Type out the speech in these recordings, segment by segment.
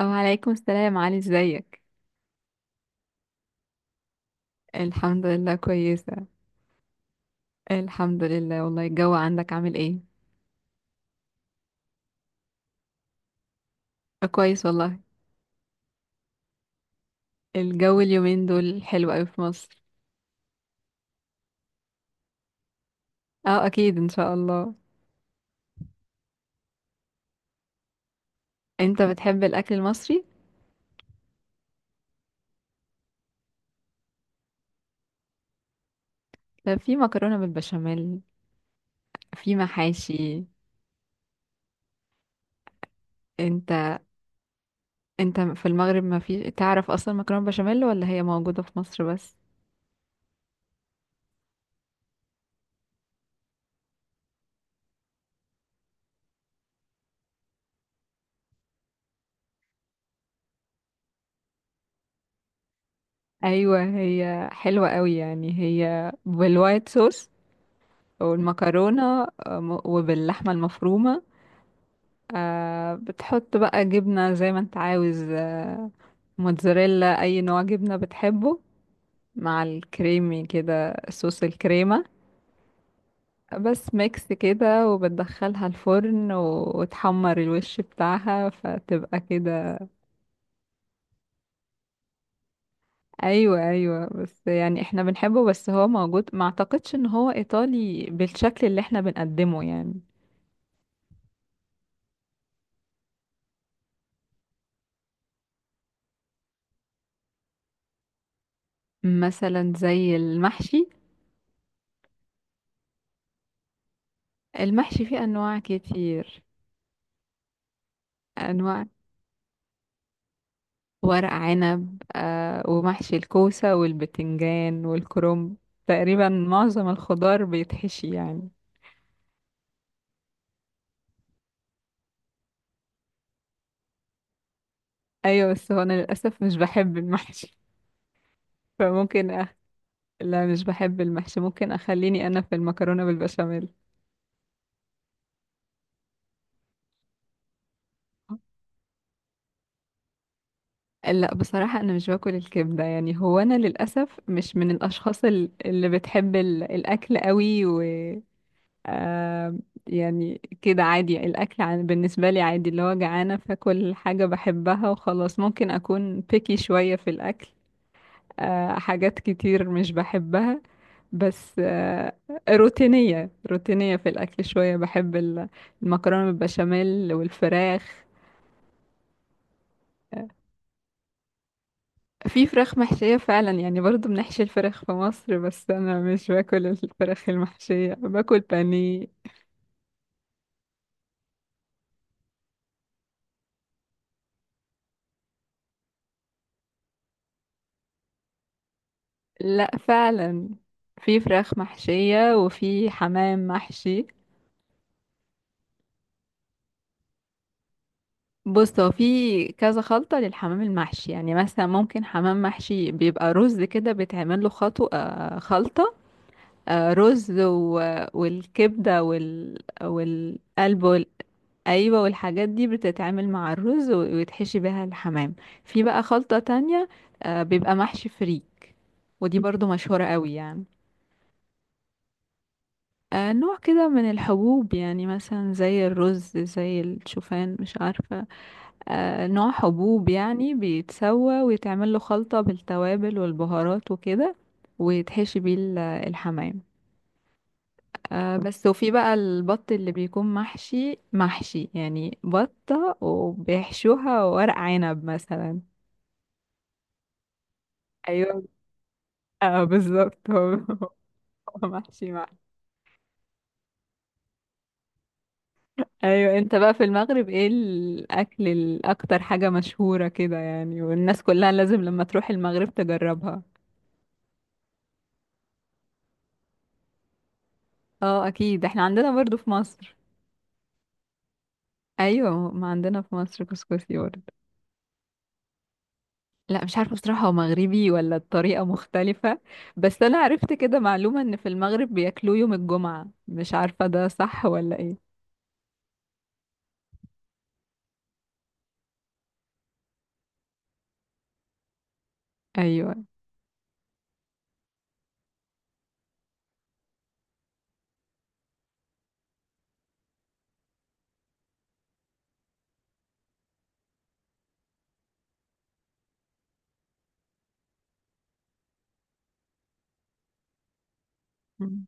أو عليكم السلام علي، ازيك؟ الحمد لله كويسة. الحمد لله والله. الجو عندك عامل ايه؟ كويس والله. الجو اليومين دول حلو قوي في مصر. اه اكيد ان شاء الله. انت بتحب الاكل المصري؟ طب في مكرونة بالبشاميل، في محاشي. انت انت في المغرب ما في تعرف اصلا مكرونة بشاميل، ولا هي موجودة في مصر بس؟ ايوه هي حلوة قوي، يعني هي بالوايت صوص والمكرونة، وباللحمة المفرومة. آه بتحط بقى جبنة زي ما انت عاوز، آه موتزاريلا، اي نوع جبنة بتحبه، مع الكريمي كده صوص الكريمة. بس ميكس كده، وبتدخلها الفرن وتحمر الوش بتاعها، فتبقى كده. ايوه ايوه، بس يعني احنا بنحبه، بس هو موجود. ما اعتقدش ان هو ايطالي بالشكل اللي احنا بنقدمه يعني. مثلا زي المحشي. المحشي فيه انواع كتير، انواع. ورق عنب، آه ومحشي الكوسة والبتنجان والكرنب. تقريبا معظم الخضار بيتحشي يعني. أيوة بس هو أنا للأسف مش بحب المحشي. فممكن أخ... لا مش بحب المحشي، ممكن أخليني أنا في المكرونة بالبشاميل. لا بصراحة أنا مش باكل الكبدة، يعني هو أنا للأسف مش من الأشخاص اللي بتحب الأكل قوي و... آه يعني كده عادي الأكل بالنسبة لي عادي، اللي هو جعانة فاكل حاجة بحبها وخلاص. ممكن أكون بيكي شوية في الأكل، آه حاجات كتير مش بحبها، بس آه روتينية في الأكل شوية. بحب المكرونة بالبشاميل والفراخ. في فراخ محشية فعلا، يعني برضو بنحشي الفراخ في مصر، بس أنا مش باكل الفراخ المحشية، باكل بانيه. لا فعلا في فراخ محشية وفي حمام محشي. بص هو في كذا خلطة للحمام المحشي، يعني مثلا ممكن حمام محشي بيبقى رز كده، بيتعمل له خطو، خلطة، رز و... والكبدة وال... والقلب وال... ايوه والحاجات دي بتتعمل مع الرز ويتحشي بيها الحمام. في بقى خلطة تانية، بيبقى محشي فريك، ودي برضو مشهورة قوي يعني. نوع كده من الحبوب، يعني مثلا زي الرز زي الشوفان مش عارفة. نوع حبوب يعني، بيتسوى ويتعمل له خلطة بالتوابل والبهارات وكده، ويتحشي بيه الحمام، بس. وفي بقى البط اللي بيكون محشي، محشي يعني بطة وبيحشوها ورق عنب مثلا. ايوه. اه بالظبط هو، هو محشي. ايوه انت بقى في المغرب ايه الاكل، الاكتر حاجة مشهورة كده يعني والناس كلها لازم لما تروح المغرب تجربها؟ اه اكيد احنا عندنا برضو في مصر. ايوه ما عندنا في مصر كسكسي برضو. لا مش عارفة بصراحة هو مغربي ولا الطريقة مختلفة، بس انا عرفت كده معلومة ان في المغرب بياكلوه يوم الجمعة، مش عارفة ده صح ولا ايه. ايوه. مم.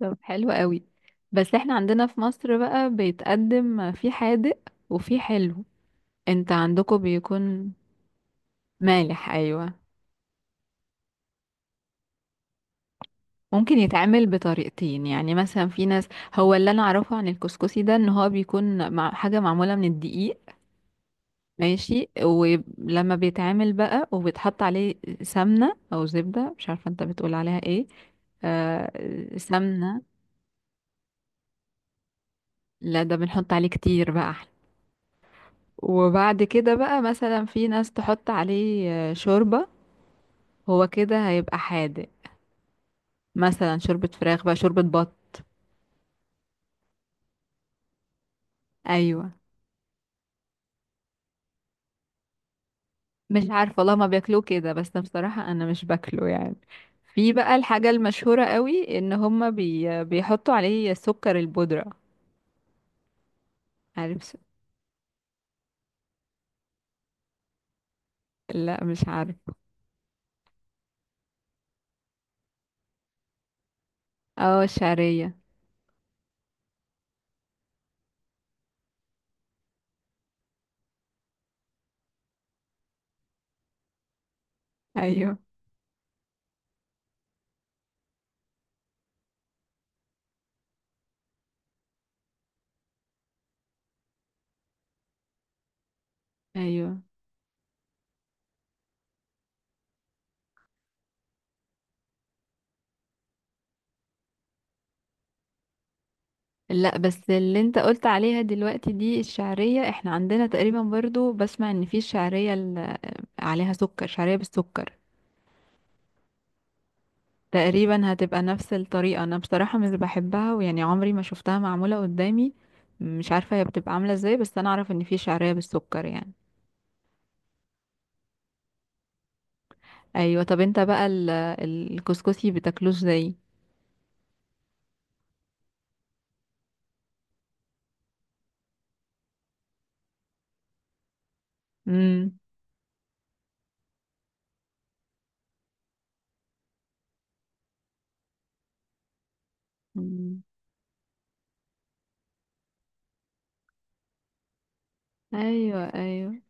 طب حلو قوي. بس احنا عندنا في مصر بقى بيتقدم في حادق وفي حلو. انت عندكم بيكون مالح؟ ايوه. ممكن يتعمل بطريقتين، يعني مثلا في ناس. هو اللي انا اعرفه عن الكسكسي ده ان هو بيكون مع حاجه معموله من الدقيق، ماشي، ولما بيتعمل بقى وبيتحط عليه سمنه او زبده، مش عارفه انت بتقول عليها ايه، آه سمنه. لا ده بنحط عليه كتير بقى احلى. وبعد كده بقى مثلا في ناس تحط عليه شوربه. هو كده هيبقى حادق، مثلا شوربه فراخ بقى، شوربه بط. ايوه. مش عارفه والله ما بياكلوه كده، بس بصراحه انا مش باكله يعني. في بقى الحاجه المشهوره قوي ان هما بيحطوا عليه سكر البودره. عارف س- لا مش عارف. اه الشعريه. ايوه ايوه. لا بس اللي انت قلت عليها دلوقتي دي الشعريه، احنا عندنا تقريبا برضو بسمع ان في الشعريه عليها سكر، شعريه بالسكر. تقريبا هتبقى نفس الطريقة، انا بصراحة مش بحبها ويعني عمري ما شفتها معمولة قدامي، مش عارفة هي بتبقى عاملة ازاي، بس انا اعرف ان في شعرية بالسكر يعني. ايوه. طب انت بقى الكسكسي بتاكلوش زي؟ امم. أمم. ايوه. ايوه.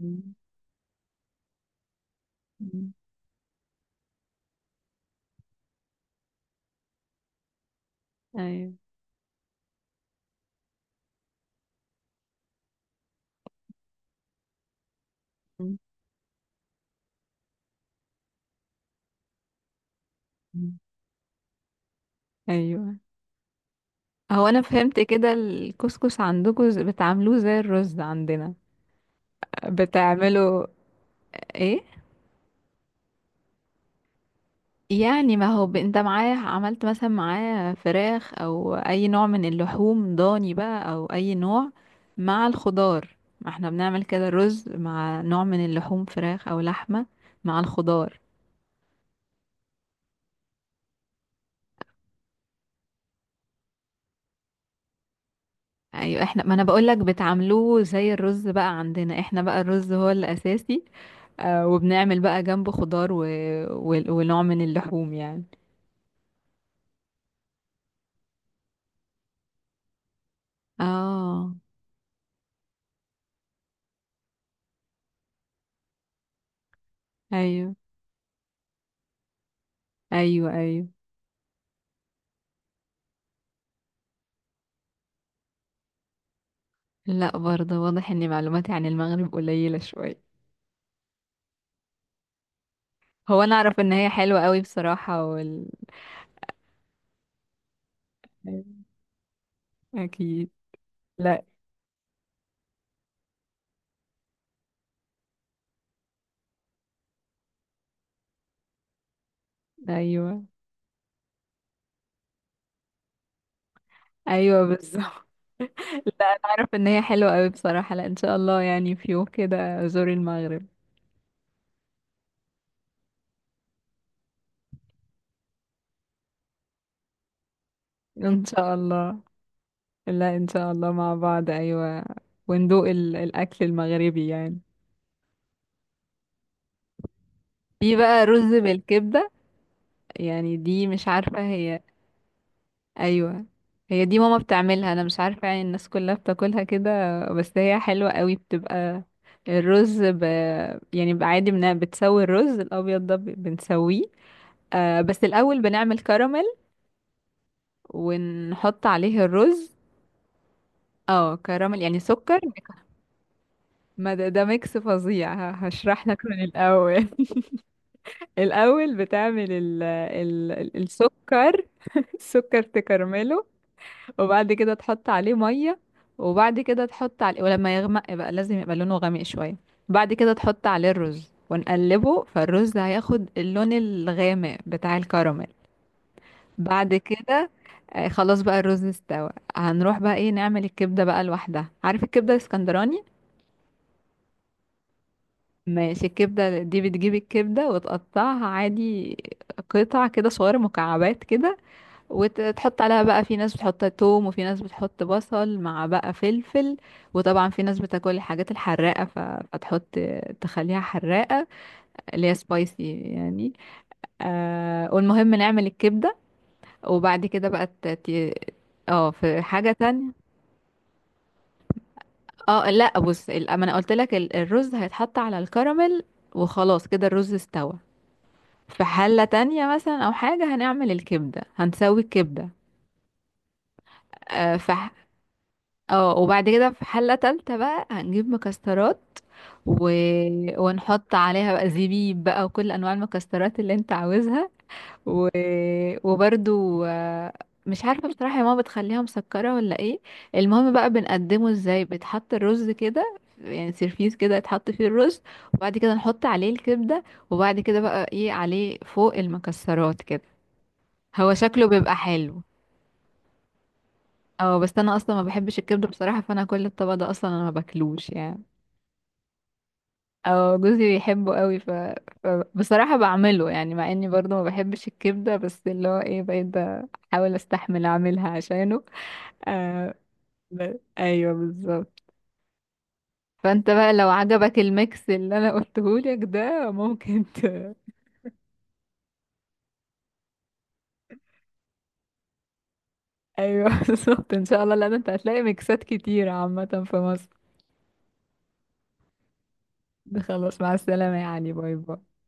أمم. أمم. ايوه. أمم. أمم. ايوه. هو انا فهمت كده الكسكس عندكم بتعملوه زي الرز عندنا، بتعملوا ايه؟ يعني ما هو انت معاه عملت مثلا معاه فراخ او اي نوع من اللحوم، ضاني بقى او اي نوع، مع الخضار. ما احنا بنعمل كده رز مع نوع من اللحوم فراخ او لحمة مع الخضار. ايوه احنا، ما انا بقولك بتعملوه زي الرز بقى، عندنا احنا بقى الرز هو الاساسي. آه وبنعمل بقى جنبه خضار و... و... ونوع من اللحوم يعني. اه. ايوه ايوه ايوه. لا برضه واضح ان معلوماتي عن المغرب قليلة شوية. هو انا اعرف ان هي حلوة قوي بصراحة وال... اكيد. لا. ايوه ايوه بالظبط. لا انا اعرف ان هي حلوة قوي بصراحة، لا ان شاء الله يعني في يوم كده ازور المغرب. ان شاء الله. لا ان شاء الله مع بعض، ايوه وندوق ال... الاكل المغربي يعني. في بقى رز بالكبدة، يعني دي مش عارفة هي. ايوه. هي دي ماما بتعملها، انا مش عارفه يعني الناس كلها بتاكلها كده، بس هي حلوه قوي بتبقى. الرز ب... يعني بقى عادي بتسوي الرز الابيض ده بنسويه، آه بس الاول بنعمل كراميل، ونحط عليه الرز. اه كراميل يعني سكر. ما ده, ده ميكس فظيع، هشرح لك من الاول. الاول بتعمل السكر، السكر تكرمله. وبعد كده تحط عليه ميه، وبعد كده تحط عليه ولما يغمق بقى، لازم يبقى لونه غامق شويه. بعد كده تحط عليه الرز ونقلبه، فالرز هياخد اللون الغامق بتاع الكراميل. بعد كده، خلاص بقى الرز استوى. هنروح بقى ايه، نعمل الكبده بقى لوحدها. عارف الكبده الاسكندراني؟ ماشي. الكبده دي بتجيب الكبده وتقطعها عادي، قطع كده صغيره مكعبات كده. وتحط عليها بقى، في ناس بتحط توم وفي ناس بتحط بصل، مع بقى فلفل. وطبعا في ناس بتاكل الحاجات الحراقة فتحط، تخليها حراقة اللي هي سبايسي يعني. آه والمهم نعمل الكبدة. وبعد كده بقى اه في حاجة تانية. اه لا بص ما انا قلت لك الرز هيتحط على الكراميل، وخلاص كده الرز استوى. في حلة تانية مثلا او حاجة هنعمل الكبدة، هنسوي الكبدة، في. اه وبعد كده في حلة تالتة بقى هنجيب مكسرات و... ونحط عليها بقى زبيب بقى، وكل انواع المكسرات اللي انت عاوزها و... وبرضو آه، مش عارفة بصراحة يا ماما بتخليها مسكرة ولا ايه. المهم بقى بنقدمه ازاي، بتحط الرز كده يعني سيرفيس كده يتحط فيه الرز، وبعد كده نحط عليه الكبدة، وبعد كده بقى ايه عليه فوق المكسرات كده. هو شكله بيبقى حلو. اه بس انا اصلا ما بحبش الكبدة بصراحة، فانا كل الطبق ده اصلا انا ما باكلوش يعني، او جوزي بيحبه قوي ف... فبصراحة بعمله، يعني مع اني برضه ما بحبش الكبدة، بس اللي هو ايه بقيت بحاول استحمل اعملها عشانه. آه... ايوه بالظبط. فانت بقى لو عجبك الميكس اللي انا قلتهولك ده ممكن ت... ايوه بالظبط ان شاء الله، لان انت هتلاقي ميكسات كتير عامة في مصر. خلاص مع السلامة، يعني باي باي.